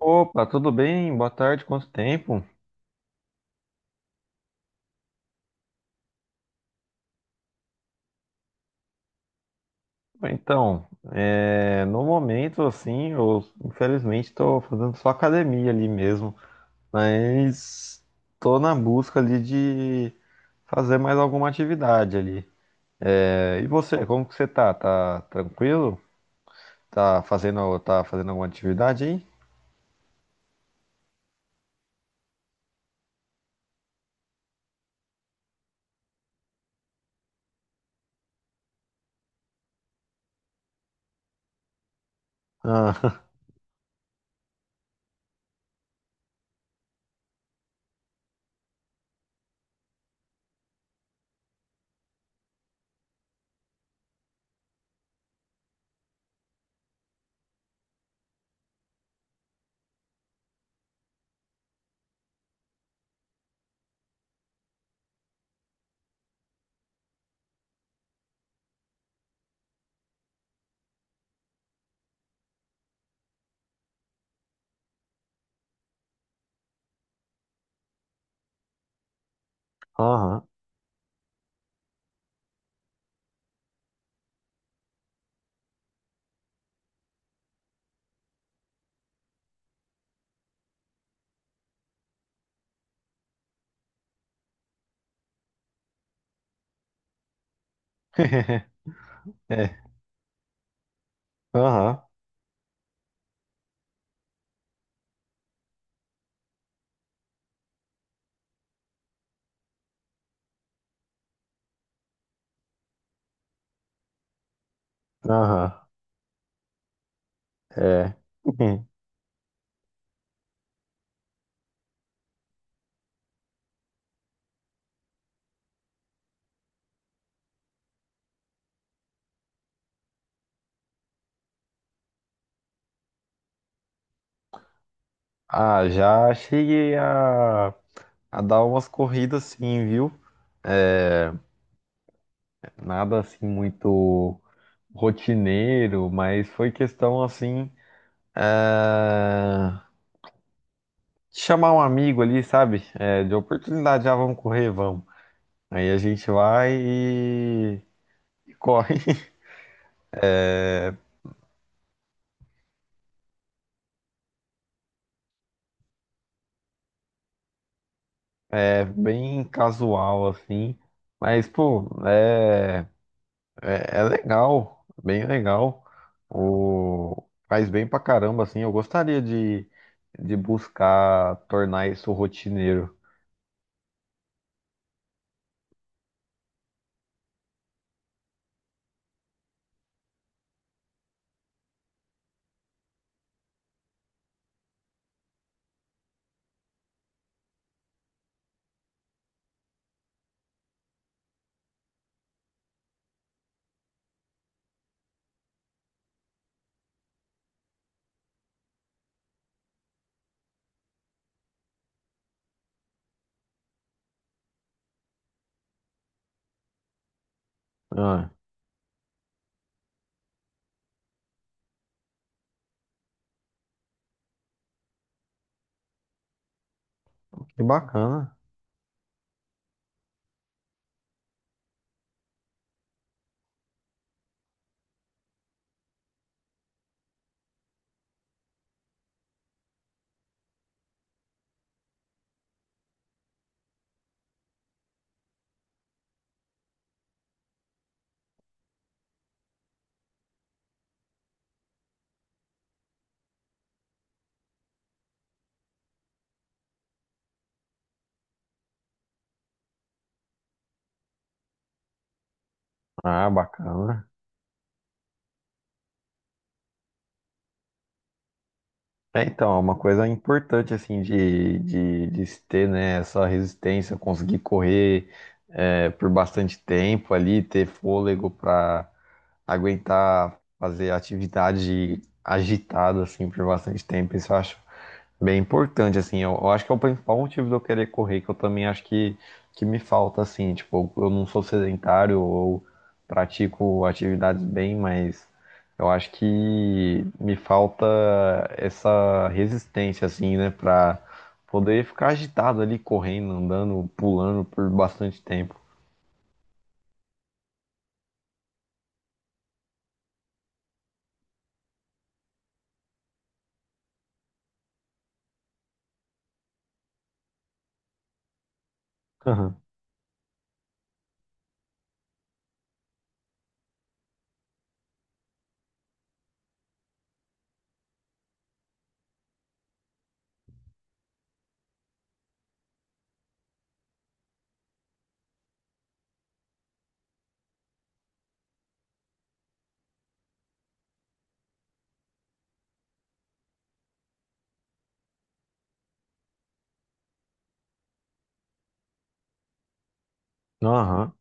Opa, tudo bem? Boa tarde, quanto tempo? Então, no momento, assim, eu infelizmente estou fazendo só academia ali mesmo, mas estou na busca ali de fazer mais alguma atividade ali. E você, como que você tá? Tá tranquilo? Tá fazendo alguma atividade aí? Ah, Aham, é, aham, aham, é. Ah, já cheguei a dar umas corridas sim, viu? Nada assim muito rotineiro, mas foi questão assim, eh, de chamar um amigo ali, sabe? De oportunidade, já vamos correr, vamos. Aí a gente vai e corre. É bem casual assim, mas pô, é legal, bem legal. O, faz bem pra caramba assim. De buscar tornar isso rotineiro. Ah. Que bacana. Ah, bacana. É uma coisa importante, assim, de se ter, né, essa resistência, conseguir correr por bastante tempo ali, ter fôlego para aguentar fazer atividade agitada, assim, por bastante tempo. Isso eu acho bem importante, assim. Eu acho que é o principal motivo de eu querer correr, que eu também acho que me falta, assim. Tipo, eu não sou sedentário ou pratico atividades bem, mas eu acho que me falta essa resistência, assim, né, pra poder ficar agitado ali, correndo, andando, pulando por bastante tempo. Aham, aham.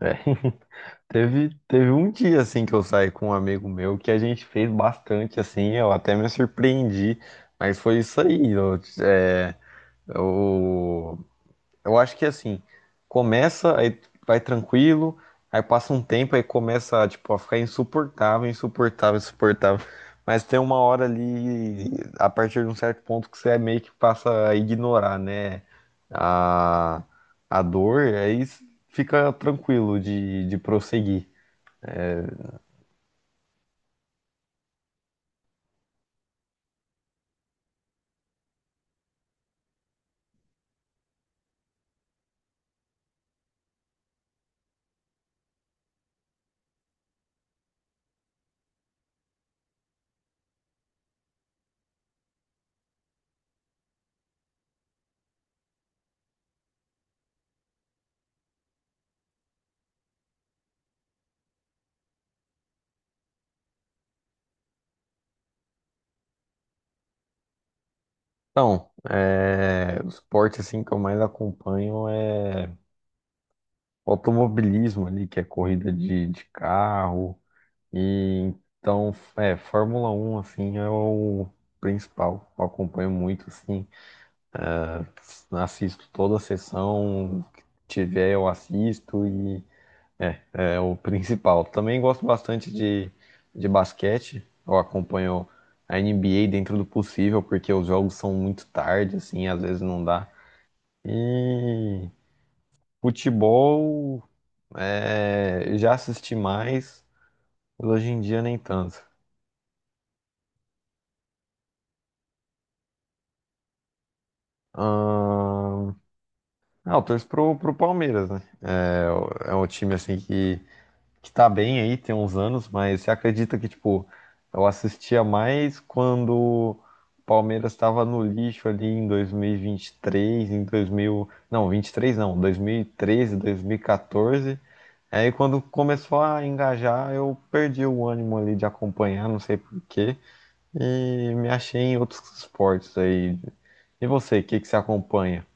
É. Teve um dia assim que eu saí com um amigo meu que a gente fez bastante assim, eu até me surpreendi, mas foi isso aí. É, eu, eu acho que assim, começa, aí vai tranquilo, aí passa um tempo, aí começa tipo, a ficar insuportável. Mas tem uma hora ali, a partir de um certo ponto, que você é meio que passa a ignorar, né? A, a dor aí fica tranquilo de prosseguir. Então, é, o esporte assim que eu mais acompanho é o automobilismo ali, que é corrida de carro. E então, é, Fórmula Um assim é o principal. Eu acompanho muito assim, assisto toda a sessão que tiver eu assisto e é o principal. Também gosto bastante de basquete. Eu acompanho a NBA dentro do possível, porque os jogos são muito tarde, assim, às vezes não dá. E futebol, é, já assisti mais, mas hoje em dia nem tanto. Ahn, ah, eu torço pro Palmeiras, né? É um time assim que tá bem aí, tem uns anos, mas você acredita que, tipo, eu assistia mais quando o Palmeiras estava no lixo ali em 2023, em 2000, não, 23 não, 2013, 2014. Aí quando começou a engajar, eu perdi o ânimo ali de acompanhar, não sei por quê. E me achei em outros esportes aí. E você, o que que você acompanha?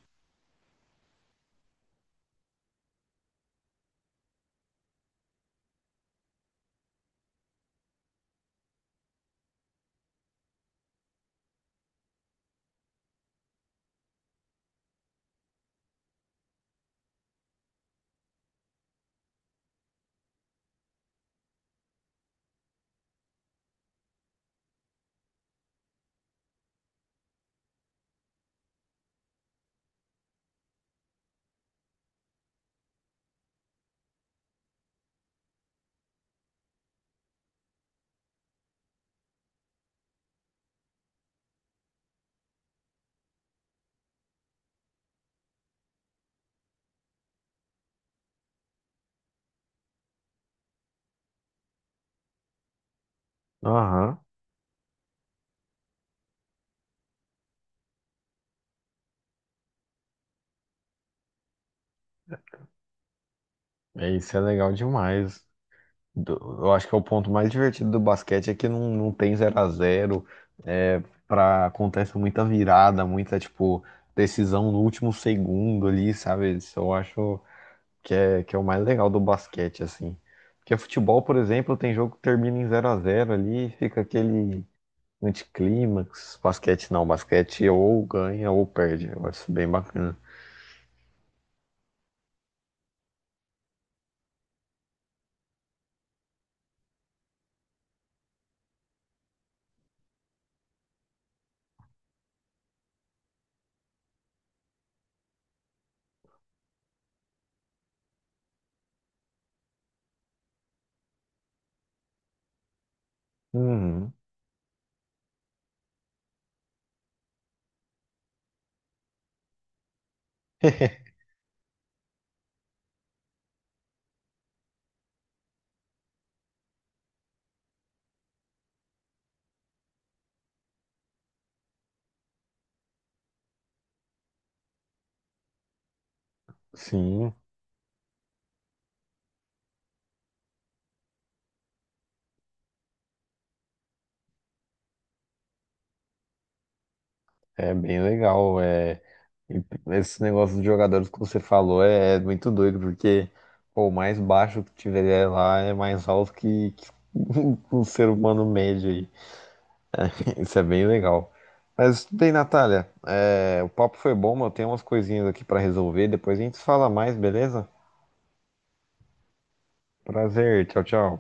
Aham, é, isso é legal demais. Do- Eu acho que é o ponto mais divertido do basquete é que não, não tem zero a zero. É, pra, acontece muita virada, muita, tipo, decisão no último segundo ali, sabe? Isso eu acho que é o mais legal do basquete, assim. Porque futebol, por exemplo, tem jogo que termina em zero a zero ali, fica aquele anticlímax, basquete não, basquete ou ganha ou perde. Eu acho bem bacana. Uhum. Sim, é bem legal. É, e esse negócio dos jogadores que você falou é muito doido, porque pô, o mais baixo que tiver lá é mais alto que um ser humano médio aí. Isso é bem legal. Mas bem, Natália, é, o papo foi bom, mas eu tenho umas coisinhas aqui pra resolver. Depois a gente fala mais, beleza? Prazer, tchau, tchau.